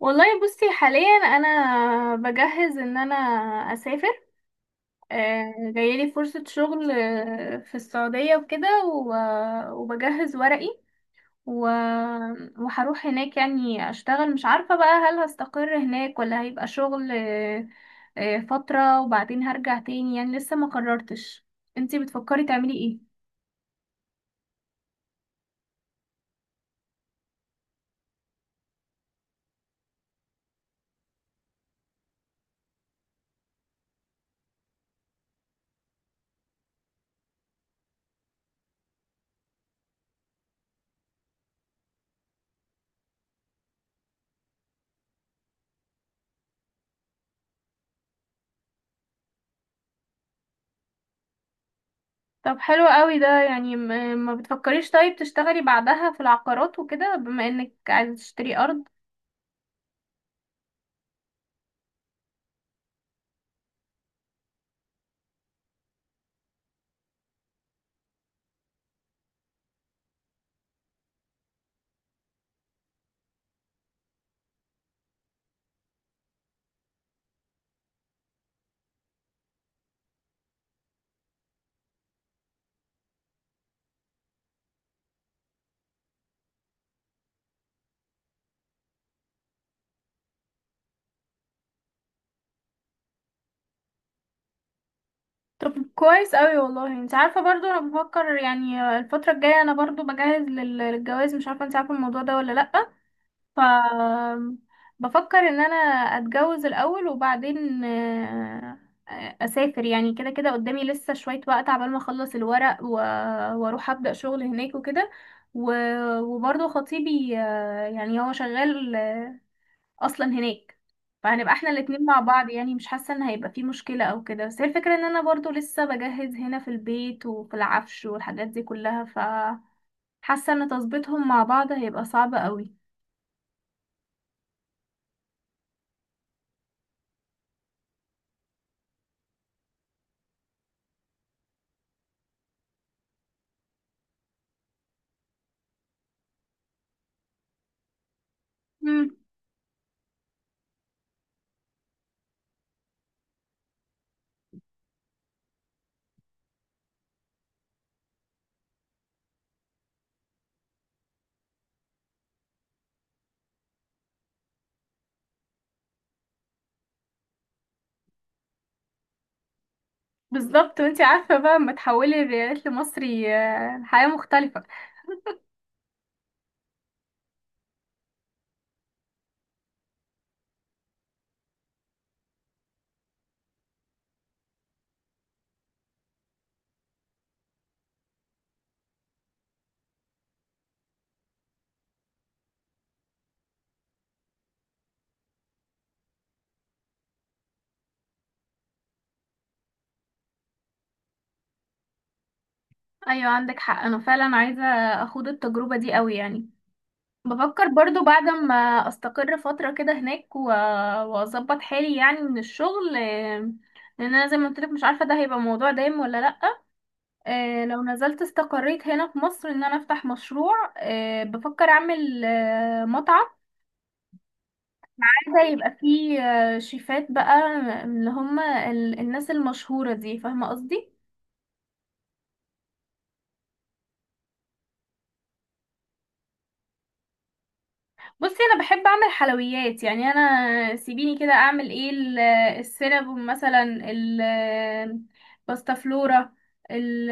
والله بصي حاليا انا بجهز ان انا اسافر. جايلي فرصة شغل في السعودية وكده وبجهز ورقي و- وهروح هناك يعني اشتغل، مش عارفة بقى هل هستقر هناك ولا هيبقى شغل فترة وبعدين هرجع تاني، يعني لسه ما قررتش. انتي بتفكري تعملي ايه؟ طب حلو قوي ده، يعني ما بتفكريش طيب تشتغلي بعدها في العقارات وكده بما انك عايزة تشتري ارض؟ طب كويس قوي، والله انت عارفه برضو انا بفكر يعني الفتره الجايه انا برضو بجهز للجواز، مش عارفه انت عارفه الموضوع ده ولا لا. ف بفكر ان انا اتجوز الاول وبعدين اسافر، يعني كده كده قدامي لسه شويه وقت عبال ما اخلص الورق واروح ابدا شغل هناك وكده. وبرضو خطيبي يعني هو شغال اصلا هناك، فهنبقى احنا الاتنين مع بعض، يعني مش حاسه ان هيبقى في مشكله او كده، بس هي الفكره ان انا برضو لسه بجهز هنا في البيت وفي العفش والحاجات دي كلها. حاسه ان تظبيطهم مع بعض هيبقى صعب قوي. امم. بالظبط، وانتي عارفه بقى لما تحولي الريالات لمصري الحياه مختلفه. ايوه عندك حق، انا فعلا عايزه اخوض التجربه دي قوي يعني. بفكر برضو بعد ما استقر فترة كده هناك واظبط حالي يعني من الشغل، لان انا زي ما قلت لك مش عارفة ده هيبقى موضوع دايم ولا لا. لو نزلت استقريت هنا في مصر ان انا افتح مشروع، بفكر اعمل مطعم. عايزة يبقى فيه شيفات بقى، اللي هم الناس المشهورة دي، فاهمة قصدي. بصي انا بحب اعمل حلويات، يعني انا سيبيني كده اعمل ايه السينابون مثلا، باستا فلورا، ال-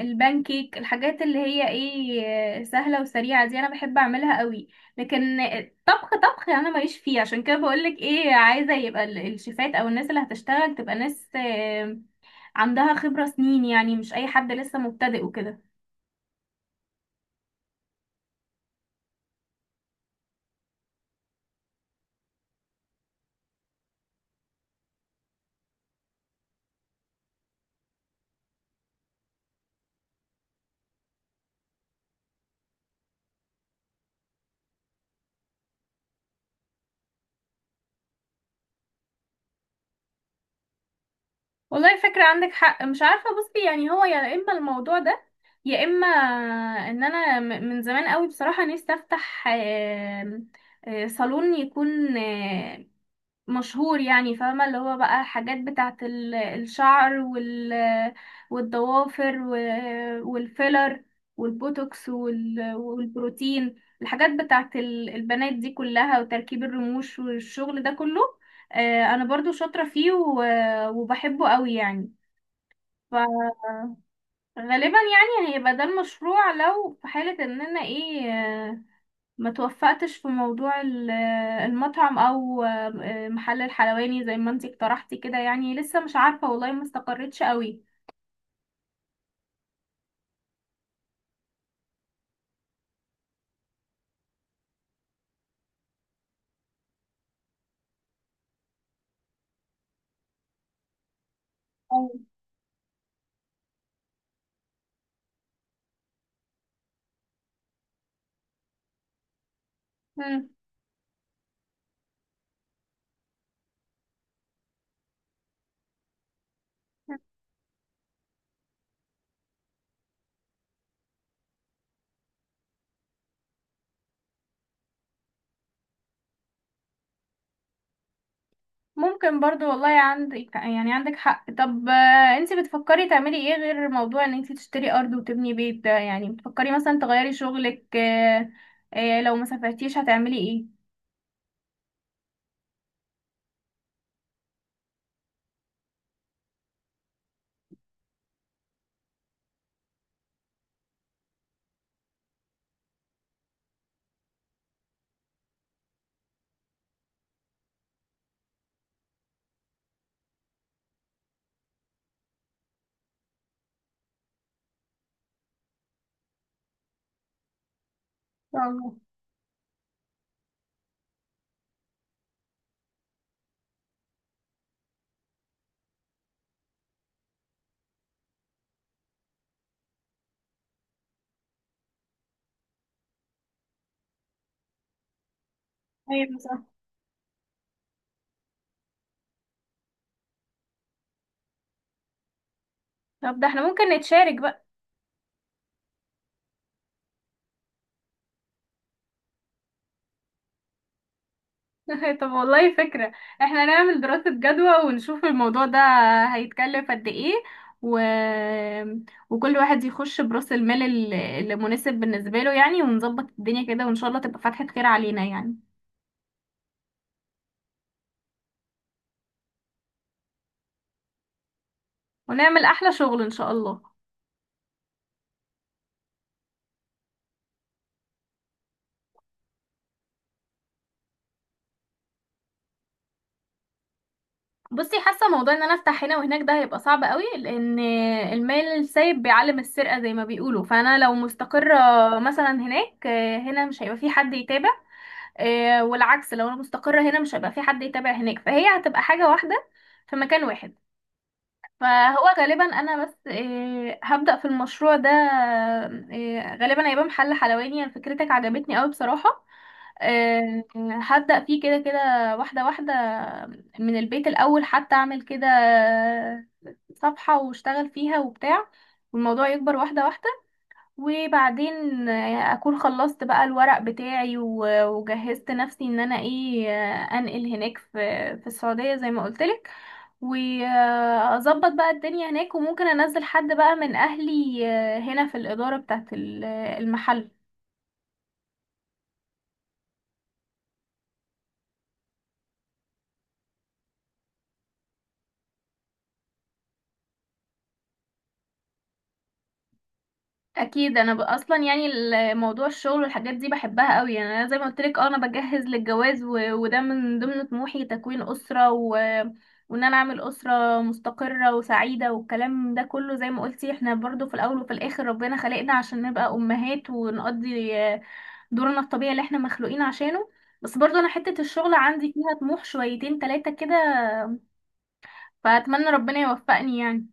البانكيك، الحاجات اللي هي ايه سهله وسريعه دي انا بحب اعملها قوي. لكن طبخ طبخ انا ماليش فيه، عشان كده بقولك ايه، عايزه يبقى الشيفات او الناس اللي هتشتغل تبقى ناس عندها خبره سنين، يعني مش اي حد لسه مبتدئ وكده. والله فكرة، عندك حق، مش عارفة بصي يعني هو يا إما الموضوع ده، يا إما إن أنا من زمان قوي بصراحة نفسي أفتح صالون يكون مشهور، يعني فاهمة اللي هو بقى حاجات بتاعة الشعر والضوافر والفيلر والبوتوكس والبروتين، الحاجات بتاعة البنات دي كلها، وتركيب الرموش والشغل ده كله. انا برضو شاطرة فيه وبحبه قوي يعني. فغالبا يعني هيبقى ده المشروع لو في حالة ان انا ايه ما توفقتش في موضوع المطعم او محل الحلواني زي ما انتي اقترحتي كده، يعني لسه مش عارفة والله، ما استقريتش قوي. أيوة. مم. ممكن برضو، والله عندك يعني عندك حق. طب انتي بتفكري تعملي ايه غير موضوع ان انتي تشتري ارض وتبني بيت ده، يعني بتفكري مثلا تغيري شغلك، لو ما سافرتيش هتعملي ايه؟ إن شاء الله. أيوة. طب ده احنا ممكن نتشارك بقى. طب والله فكرة، احنا نعمل دراسة جدوى ونشوف الموضوع ده هيتكلف قد ايه و... وكل واحد يخش برأس المال اللي مناسب بالنسبة له، يعني ونظبط الدنيا كده، وان شاء الله تبقى فتحة خير علينا يعني. ونعمل احلى شغل ان شاء الله. بصي، حاسة موضوع ان انا افتح هنا وهناك ده هيبقى صعب قوي، لان المال السايب بيعلم السرقة زي ما بيقولوا. فانا لو مستقرة مثلا هناك، هنا مش هيبقى في حد يتابع، والعكس لو انا مستقرة هنا مش هيبقى في حد يتابع هناك، فهي هتبقى حاجة واحدة في مكان واحد. فهو غالبا انا بس هبدأ في المشروع ده، غالبا هيبقى محل حلواني، يعني فكرتك عجبتني قوي بصراحة. آه، هبدأ فيه كده كده، واحدة واحدة من البيت الأول، حتى أعمل كده صفحة واشتغل فيها وبتاع، والموضوع يكبر واحدة واحدة. وبعدين اكون خلصت بقى الورق بتاعي وجهزت نفسي ان انا ايه، انقل هناك في السعودية زي ما قلتلك، واظبط بقى الدنيا هناك. وممكن انزل حد بقى من اهلي هنا في الإدارة بتاعت المحل. اكيد انا اصلا يعني موضوع الشغل والحاجات دي بحبها قوي، يعني انا زي ما قلت لك انا بجهز للجواز، وده من ضمن طموحي تكوين اسره وان انا اعمل اسره مستقره وسعيده والكلام ده كله. زي ما قلتي احنا برضو في الاول وفي الاخر ربنا خلقنا عشان نبقى امهات ونقضي دورنا الطبيعي اللي احنا مخلوقين عشانه. بس برضو انا حته الشغل عندي فيها طموح شويتين تلاتة كده، فاتمنى ربنا يوفقني يعني.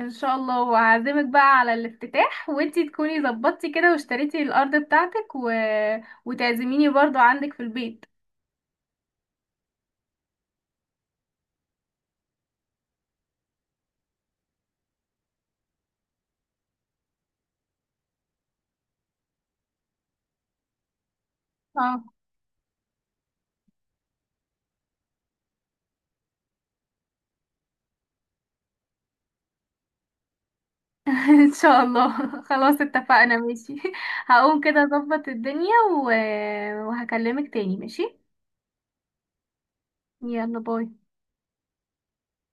ان شاء الله وهعزمك بقى على الافتتاح وانتي تكوني ظبطتي كده واشتريتي الارض بتاعتك وتعزميني برضو عندك في البيت. اه. ان شاء الله. خلاص اتفقنا ماشي. هقوم كده اظبط الدنيا و... وهكلمك تاني ماشي. يلا باي.